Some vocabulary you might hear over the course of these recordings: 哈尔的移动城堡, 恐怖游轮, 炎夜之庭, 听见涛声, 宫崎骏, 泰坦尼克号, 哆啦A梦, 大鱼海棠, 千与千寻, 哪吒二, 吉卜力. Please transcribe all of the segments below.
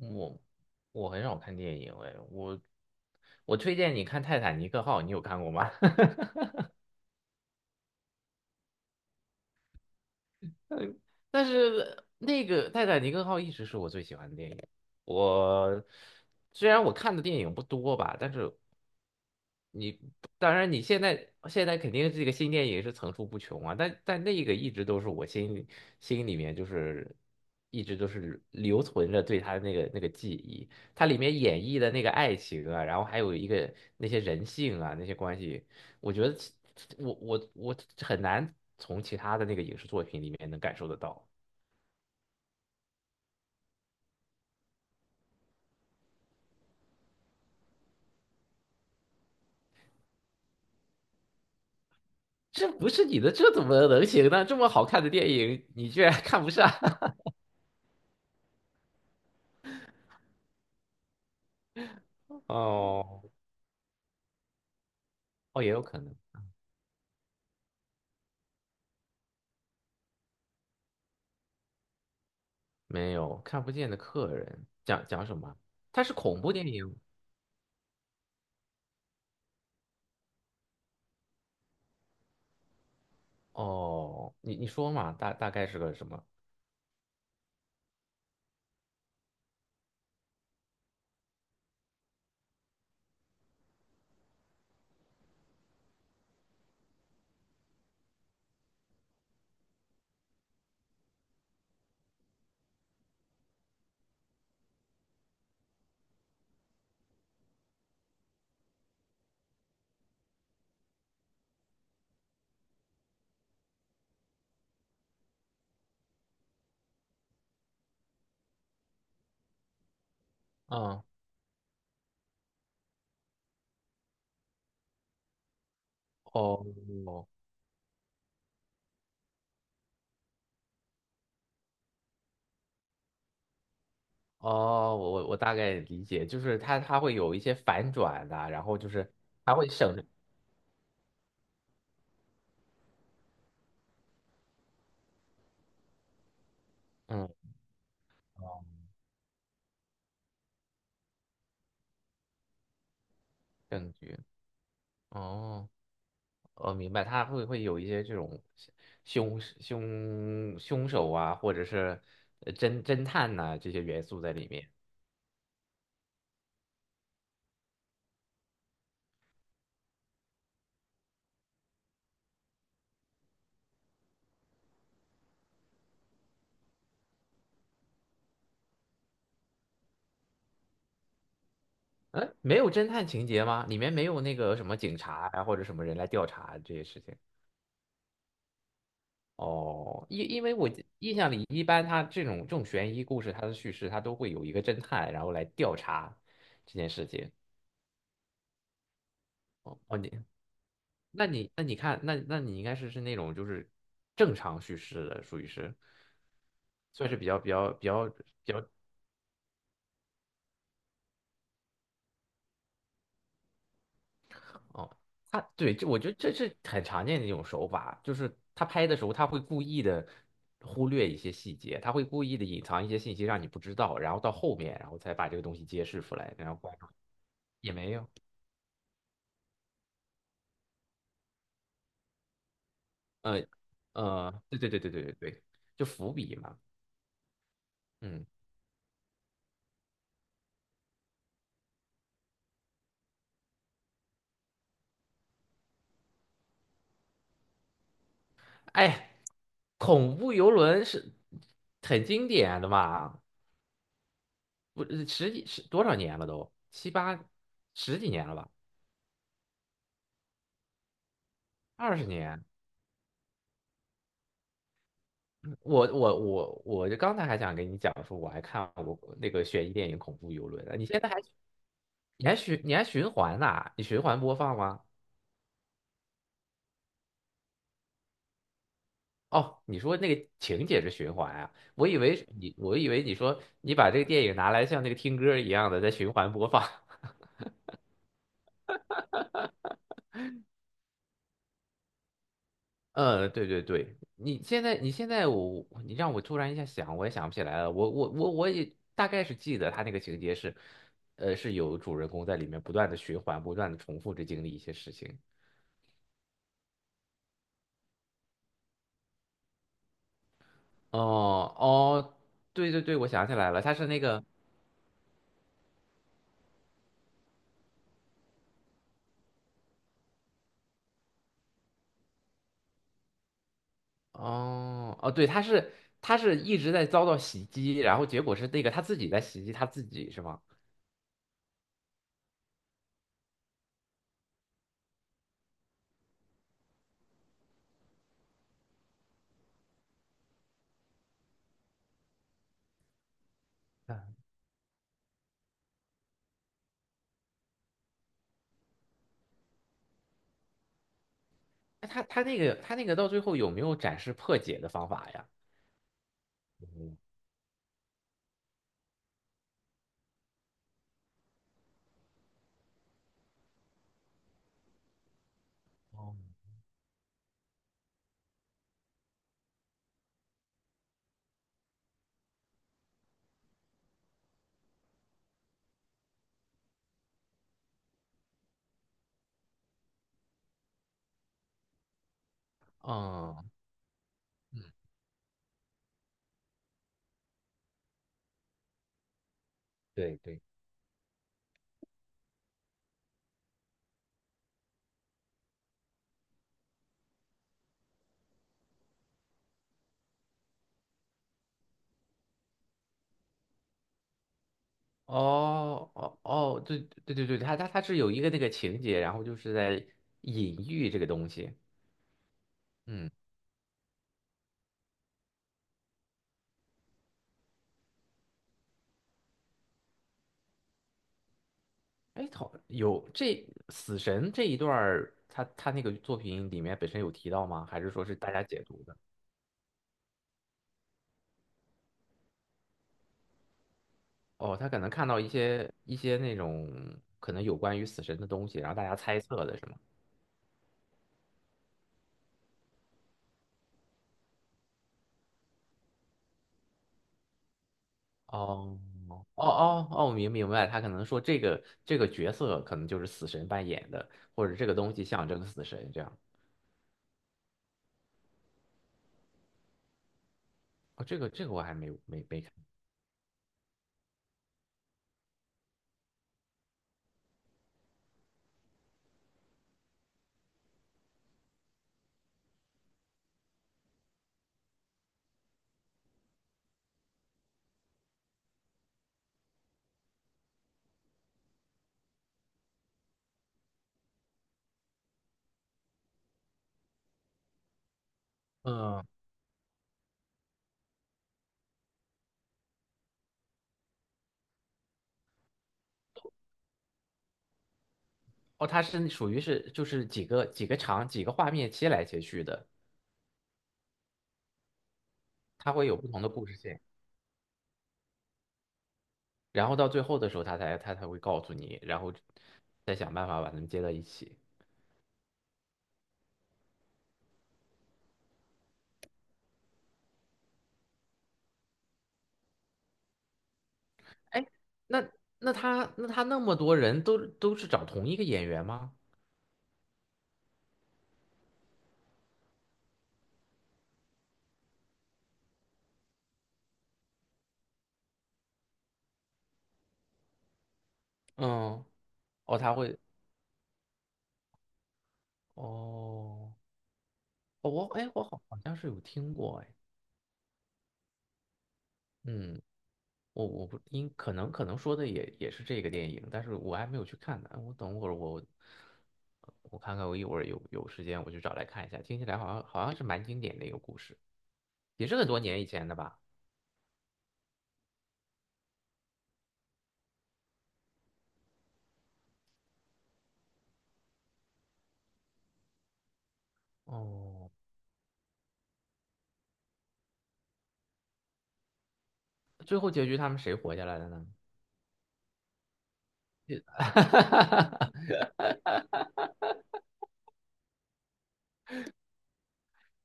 我我很少看电影哎，我推荐你看《泰坦尼克号》，你有看过吗？嗯，但是那个《泰坦尼克号》一直是我最喜欢的电影。我虽然我看的电影不多吧，但是你当然你现在肯定这个新电影是层出不穷啊，但那个一直都是我心里面就是一直都是留存着对他的那个记忆。它里面演绎的那个爱情啊，然后还有一个那些人性啊那些关系，我觉得其我很难从其他的那个影视作品里面能感受得到。这不是你的，这怎么能行呢？这么好看的电影，你居然 看不上？哦哦，也有可能。没有，看不见的客人，讲讲什么？它是恐怖电影哦。你说嘛，大概是个什么？嗯，哦哦，我大概理解，就是它会有一些反转的，然后就是它会省，嗯，哦，证据，哦。明白，他会有一些这种凶手啊，或者是侦探呐、这些元素在里面。嗯，没有侦探情节吗？里面没有那个什么警察啊，或者什么人来调查这些事情。哦，因为印象里，一般他这种悬疑故事，它的叙事它都会有一个侦探，然后来调查这件事情。哦哦，你看，那你应该是那种，就是正常叙事的，属于是算是比较。哦，对，这我觉得这是很常见的一种手法，就是他拍的时候，他会故意的忽略一些细节，他会故意的隐藏一些信息让你不知道，然后到后面，然后才把这个东西揭示出来，然后观众也没有，呃对对对对对对对，就伏笔嘛。嗯，哎，恐怖游轮是很经典的嘛，不，十几十多少年了都，七八十几年了吧，20年。我就刚才还想跟你讲说，我还看过那个悬疑电影《恐怖游轮》呢。你循环播放吗？哦，你说那个情节是循环啊？我以为你说你把这个电影拿来像那个听歌一样的在循环播放。嗯，对对对，你现在你让我突然一下想，我也想不起来了。我也大概是记得他那个情节是，是有主人公在里面不断的循环，不断的重复着经历一些事情。哦哦，对对对，我想起来了，他是那个哦哦，对，他是一直在遭到袭击，然后结果是那个他自己在袭击他自己是吗？那他那个到最后有没有展示破解的方法呀？嗯，哦，嗯，对对，哦哦哦，对对对对，他是有一个那个情节，然后就是在隐喻这个东西，嗯。哎，好，有这死神这一段儿，他那个作品里面本身有提到吗？还是说是大家解读的？哦，他可能看到一些那种，可能有关于死神的东西，然后大家猜测的是吗？哦哦哦哦，明白，他可能说这个角色可能就是死神扮演的，或者这个东西象征死神这样。哦，这个我还没有没没看。嗯，哦，它是属于是就是几个画面切来切去的，它会有不同的故事线。然后到最后的时候，他才会告诉你，然后再想办法把他们接到一起。哎，那那他那么多人都是找同一个演员吗？嗯，哦，哦，哦，哎，我好像是有听过，哎，嗯，我不应可能说的也是这个电影，但是我还没有去看呢。哎我看看，我一会儿有时间我去找来看一下。听起来好像是蛮经典的一个故事，也是很多年以前的吧？哦。最后结局他们谁活下来的呢？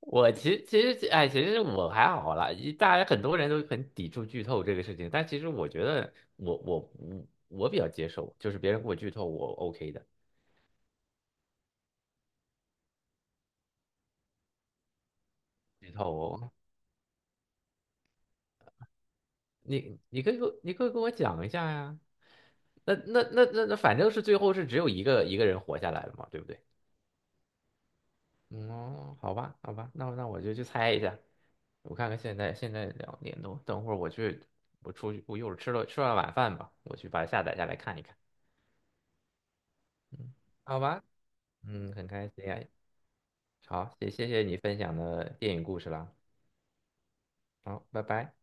我其实哎，其实我还好啦，大家很多人都很抵触剧透这个事情，但其实我觉得我比较接受，就是别人给我剧透我 OK 的，剧透我，你可以给我讲一下呀。那反正是最后是只有一个人活下来了嘛，对不对？嗯哦，好吧，好吧，那我就去猜一下。我看看现在2点多，等会儿我去，我出去，我一会儿吃了晚饭吧，我去把它下载下来看一看。嗯，好吧，嗯，很开心呀。好，谢谢你分享的电影故事啦。好，拜拜。